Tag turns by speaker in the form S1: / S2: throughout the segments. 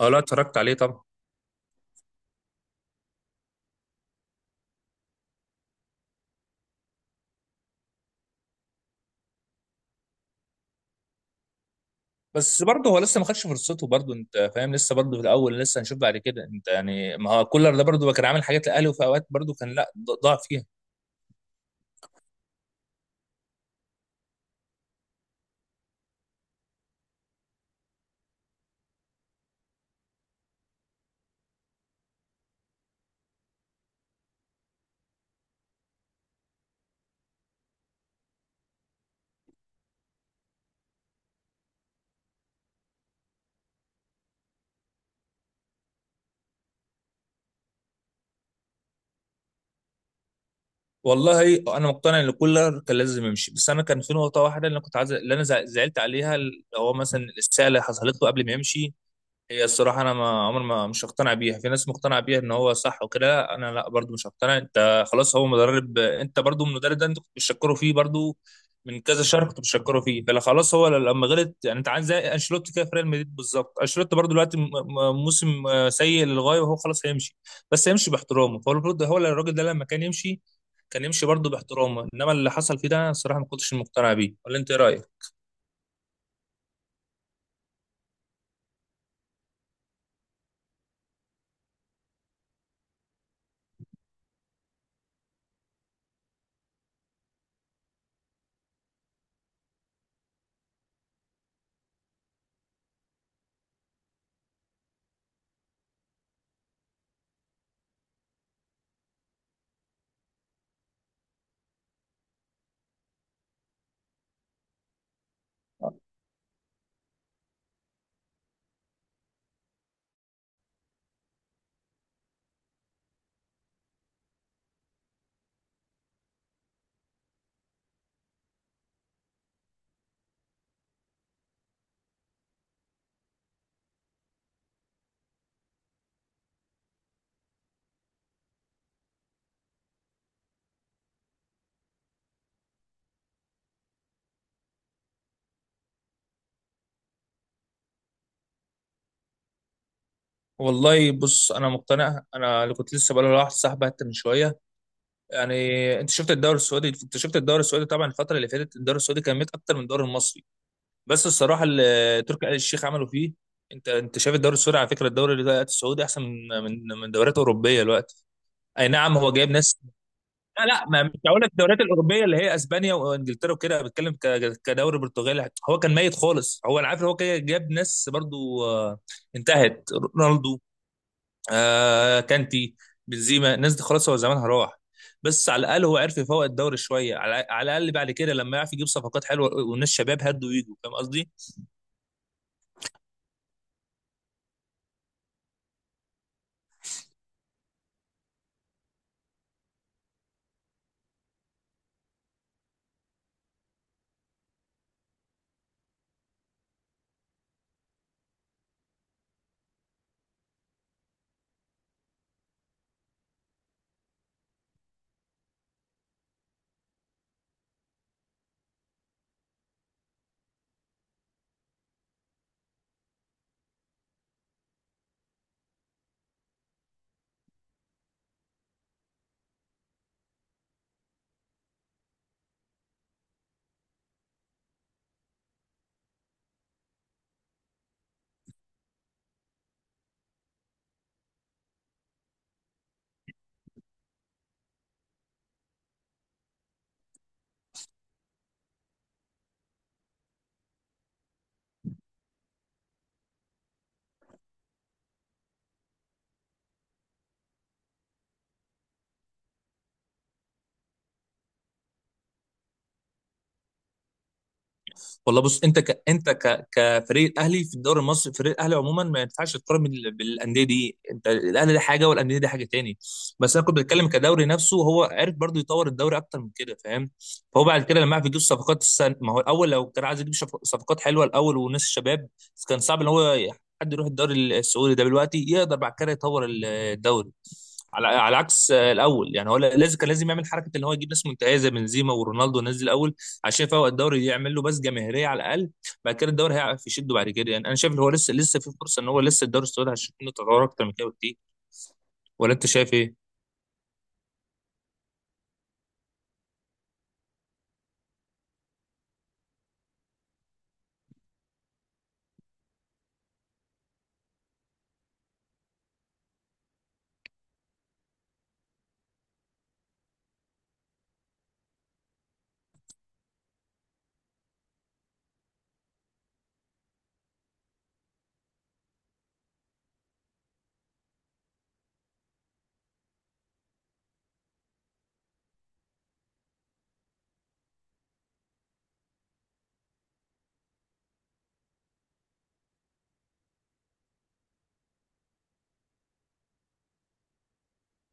S1: اه، لا اتفرجت عليه طبعا. بس برضه هو لسه ما خدش فرصته، برضه انت فاهم، لسه برضه في الاول، لسه هنشوف بعد كده. انت يعني ما هو كولر ده برضه كان عامل حاجات للاهلي، وفي اوقات برضه كان لا ضاع فيها. والله انا مقتنع ان كولر كان لازم يمشي، بس انا كان في نقطه واحده، اللي انا زعلت عليها، اللي هو مثلا الساعه اللي حصلت له قبل ما يمشي. هي الصراحة أنا ما عمر ما مش هقتنع بيها، في ناس مقتنعة بيها إن هو صح وكده، أنا لا برضو مش هقتنع. أنت خلاص هو مدرب، أنت برضو المدرب ده أنت كنت بتشكره فيه برضو من كذا شهر، كنت بتشكره فيه، فلا خلاص هو لما غلط يعني. أنت عامل زي أنشيلوتي كده في ريال مدريد بالظبط، أنشيلوتي برضو دلوقتي موسم سيء للغاية، وهو خلاص هيمشي بس هيمشي باحترامه. فهو المفروض، هو الراجل ده لما كان يمشي كان يمشي برضو باحترامه، إنما اللي حصل فيه ده أنا الصراحة ما كنتش مقتنع بيه. ولا أنت إيه رأيك؟ والله بص، انا مقتنع، انا اللي كنت لسه بقول لواحد صاحبي حتى من شويه يعني. انت شفت الدوري السعودي، انت شفت الدوري السعودي طبعا، الفتره اللي فاتت الدوري السعودي كان ميت اكتر من الدوري المصري. بس الصراحه اللي تركي آل الشيخ عملوا فيه، انت شايف الدوري السعودي، على فكره الدوري اللي السعودي احسن من دوريات اوروبيه دلوقتي. اي نعم هو جايب ناس. لا لا، ما مش هقول لك الدوريات الاوروبيه اللي هي اسبانيا وانجلترا وكده، أنا بتكلم كدوري برتغالي. هو كان ميت خالص، هو انا عارف إن هو كده جاب ناس برضو انتهت: رونالدو، آه كانتي، بنزيما. الناس دي خلاص هو زمانها راح. بس على الاقل هو عرف يفوق الدوري شويه، على الاقل بعد كده لما يعرف يجيب صفقات حلوه والناس شباب هدوا ويجوا، فاهم قصدي. والله بص، كفريق الاهلي في الدوري المصري، فريق الاهلي عموما ما ينفعش تقارن بالانديه دي. انت الاهلي ده حاجه والانديه دي حاجه تاني. بس انا كنت بتكلم كدوري نفسه، هو عرف برضو يطور الدوري اكتر من كده، فاهم. فهو بعد كده لما عرف يجيب صفقات، ما هو الاول لو كان عايز يجيب صفقات حلوه الاول وناس الشباب، كان صعب ان هو حد يروح الدوري السعودي ده دلوقتي يقدر بعد كده يطور الدوري، على عكس الاول. يعني هو لازم، كان لازم يعمل حركه ان هو يجيب ناس منتهيه زي بنزيما ورونالدو والناس دي الاول، عشان فهو الدوري يعمل له بس جماهيريه على الاقل. بعد كده الدوري هيعرف يشده بعد كده يعني. انا شايف ان هو لسه لسه في فرصه ان هو لسه، الدوري السعودي هيشوف منه تطور اكتر من كده بكتير، ولا انت شايف ايه؟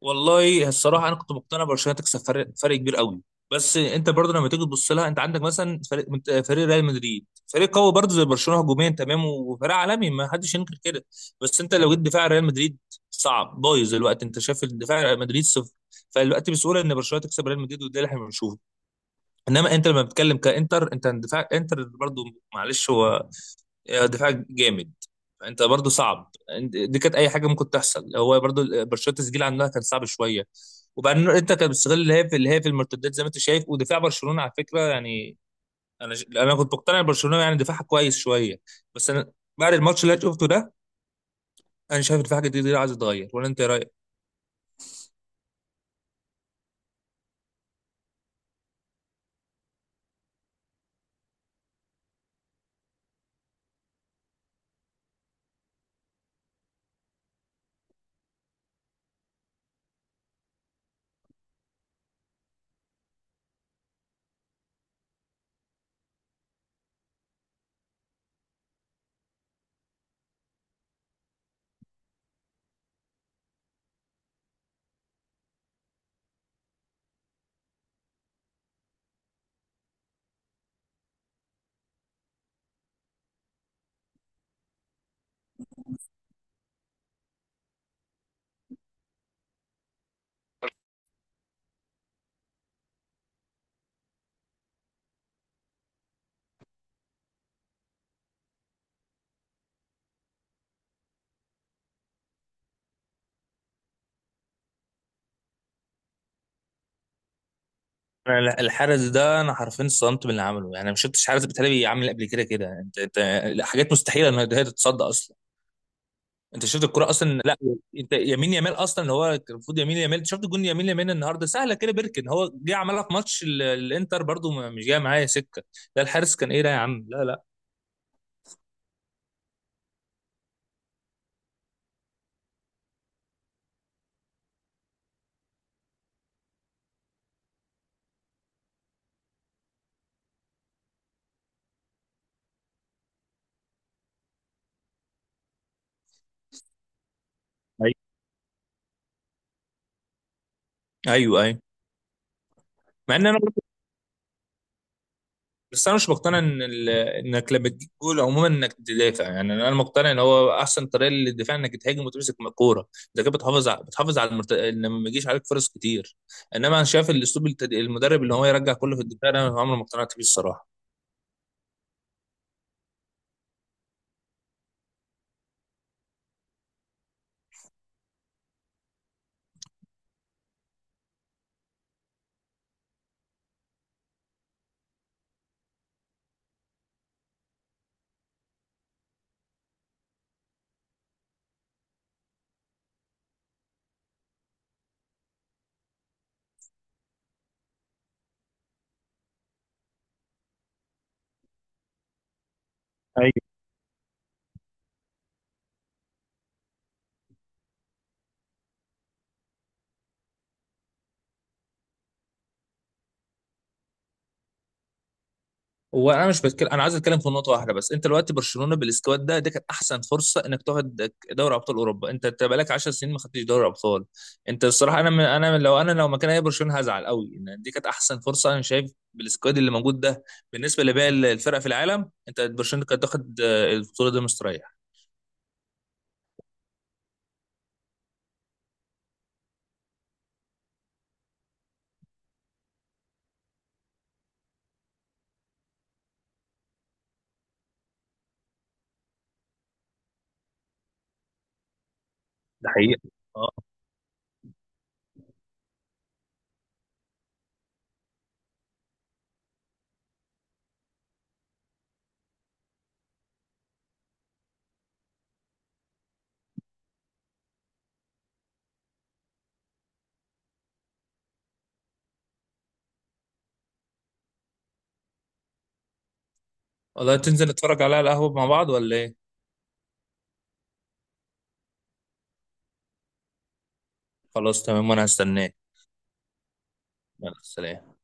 S1: والله الصراحه انا كنت مقتنع برشلونه تكسب، فرق كبير قوي. بس انت برضه لما تيجي تبص لها، انت عندك مثلا فريق ريال مدريد، فريق قوي برضه زي برشلونه هجوميا تمام، وفريق عالمي ما حدش ينكر كده. بس انت لو جيت دفاع ريال مدريد صعب، بايظ الوقت، انت شايف الدفاع ريال مدريد صفر. فالوقت بسهوله ان برشلونه تكسب ريال مدريد، وده اللي احنا بنشوفه. انما انت لما بتتكلم كانتر، انت دفاع انتر برضو معلش، هو دفاع جامد، انت برضو صعب. دي كانت اي حاجه ممكن تحصل، هو برضو برشلونه التسجيل عندها كان صعب شويه. وبعدين انت كان بتستغل اللي هي في المرتدات زي ما انت شايف. ودفاع برشلونه على فكره يعني، انا كنت مقتنع إن برشلونه يعني دفاعها كويس شويه. بس انا بعد الماتش اللي أنا شفته ده، انا شايف دفاع جديد ده عايز يتغير، ولا انت إيه رايك؟ انا لا- الحارس ده انا حرفيا اتصدمت من اللي عمله. يعني ما شفتش حارس بتهيألي عامل قبل كده كده، انت حاجات مستحيله ان هي تتصدى اصلا. انت شفت الكرة اصلا؟ لا. انت يمين يامال اصلا، اللي هو المفروض يمين يامال، انت شفت جون يمين يامال النهارده سهله كده بيركن، هو جه عملها في ماتش الانتر برضو مش جايه معايا سكه. لا الحارس، كان ايه ده يا عم، لا لا. ايوه، ايوه، ايوه. مع ان انا برضو- بس انا مش مقتنع ان انك لما تجيب جول عموما انك تدافع. يعني انا مقتنع ان هو احسن طريقه للدفاع انك تهاجم وتمسك الكوره. انت كده بتحافظ على ان ما يجيش عليك فرص كتير. انما انا شايف الاسلوب، المدرب اللي هو يرجع كله في الدفاع ده، انا عمري ما اقتنعت بيه الصراحه. هو انا مش بتكلم، انا عايز اتكلم في نقطه واحده بس. انت دلوقتي برشلونه بالسكواد ده، دي كانت احسن فرصه انك تاخد دوري ابطال اوروبا. أنت بقالك 10 سنين ما خدتش دوري ابطال. انت الصراحه، انا من انا من لو انا لو مكان اي برشلونه هزعل قوي ان دي كانت احسن فرصه، انا شايف بالسكواد اللي موجود ده بالنسبه لباقي الفرق في العالم. انت برشلونه كانت تاخد البطوله دي مستريح. ده حقيقي. اه. والله تنزل نتفرج عليها على القهوه مع بعض ولا ايه؟ خلاص تمام وانا هستناك. يلا سلام.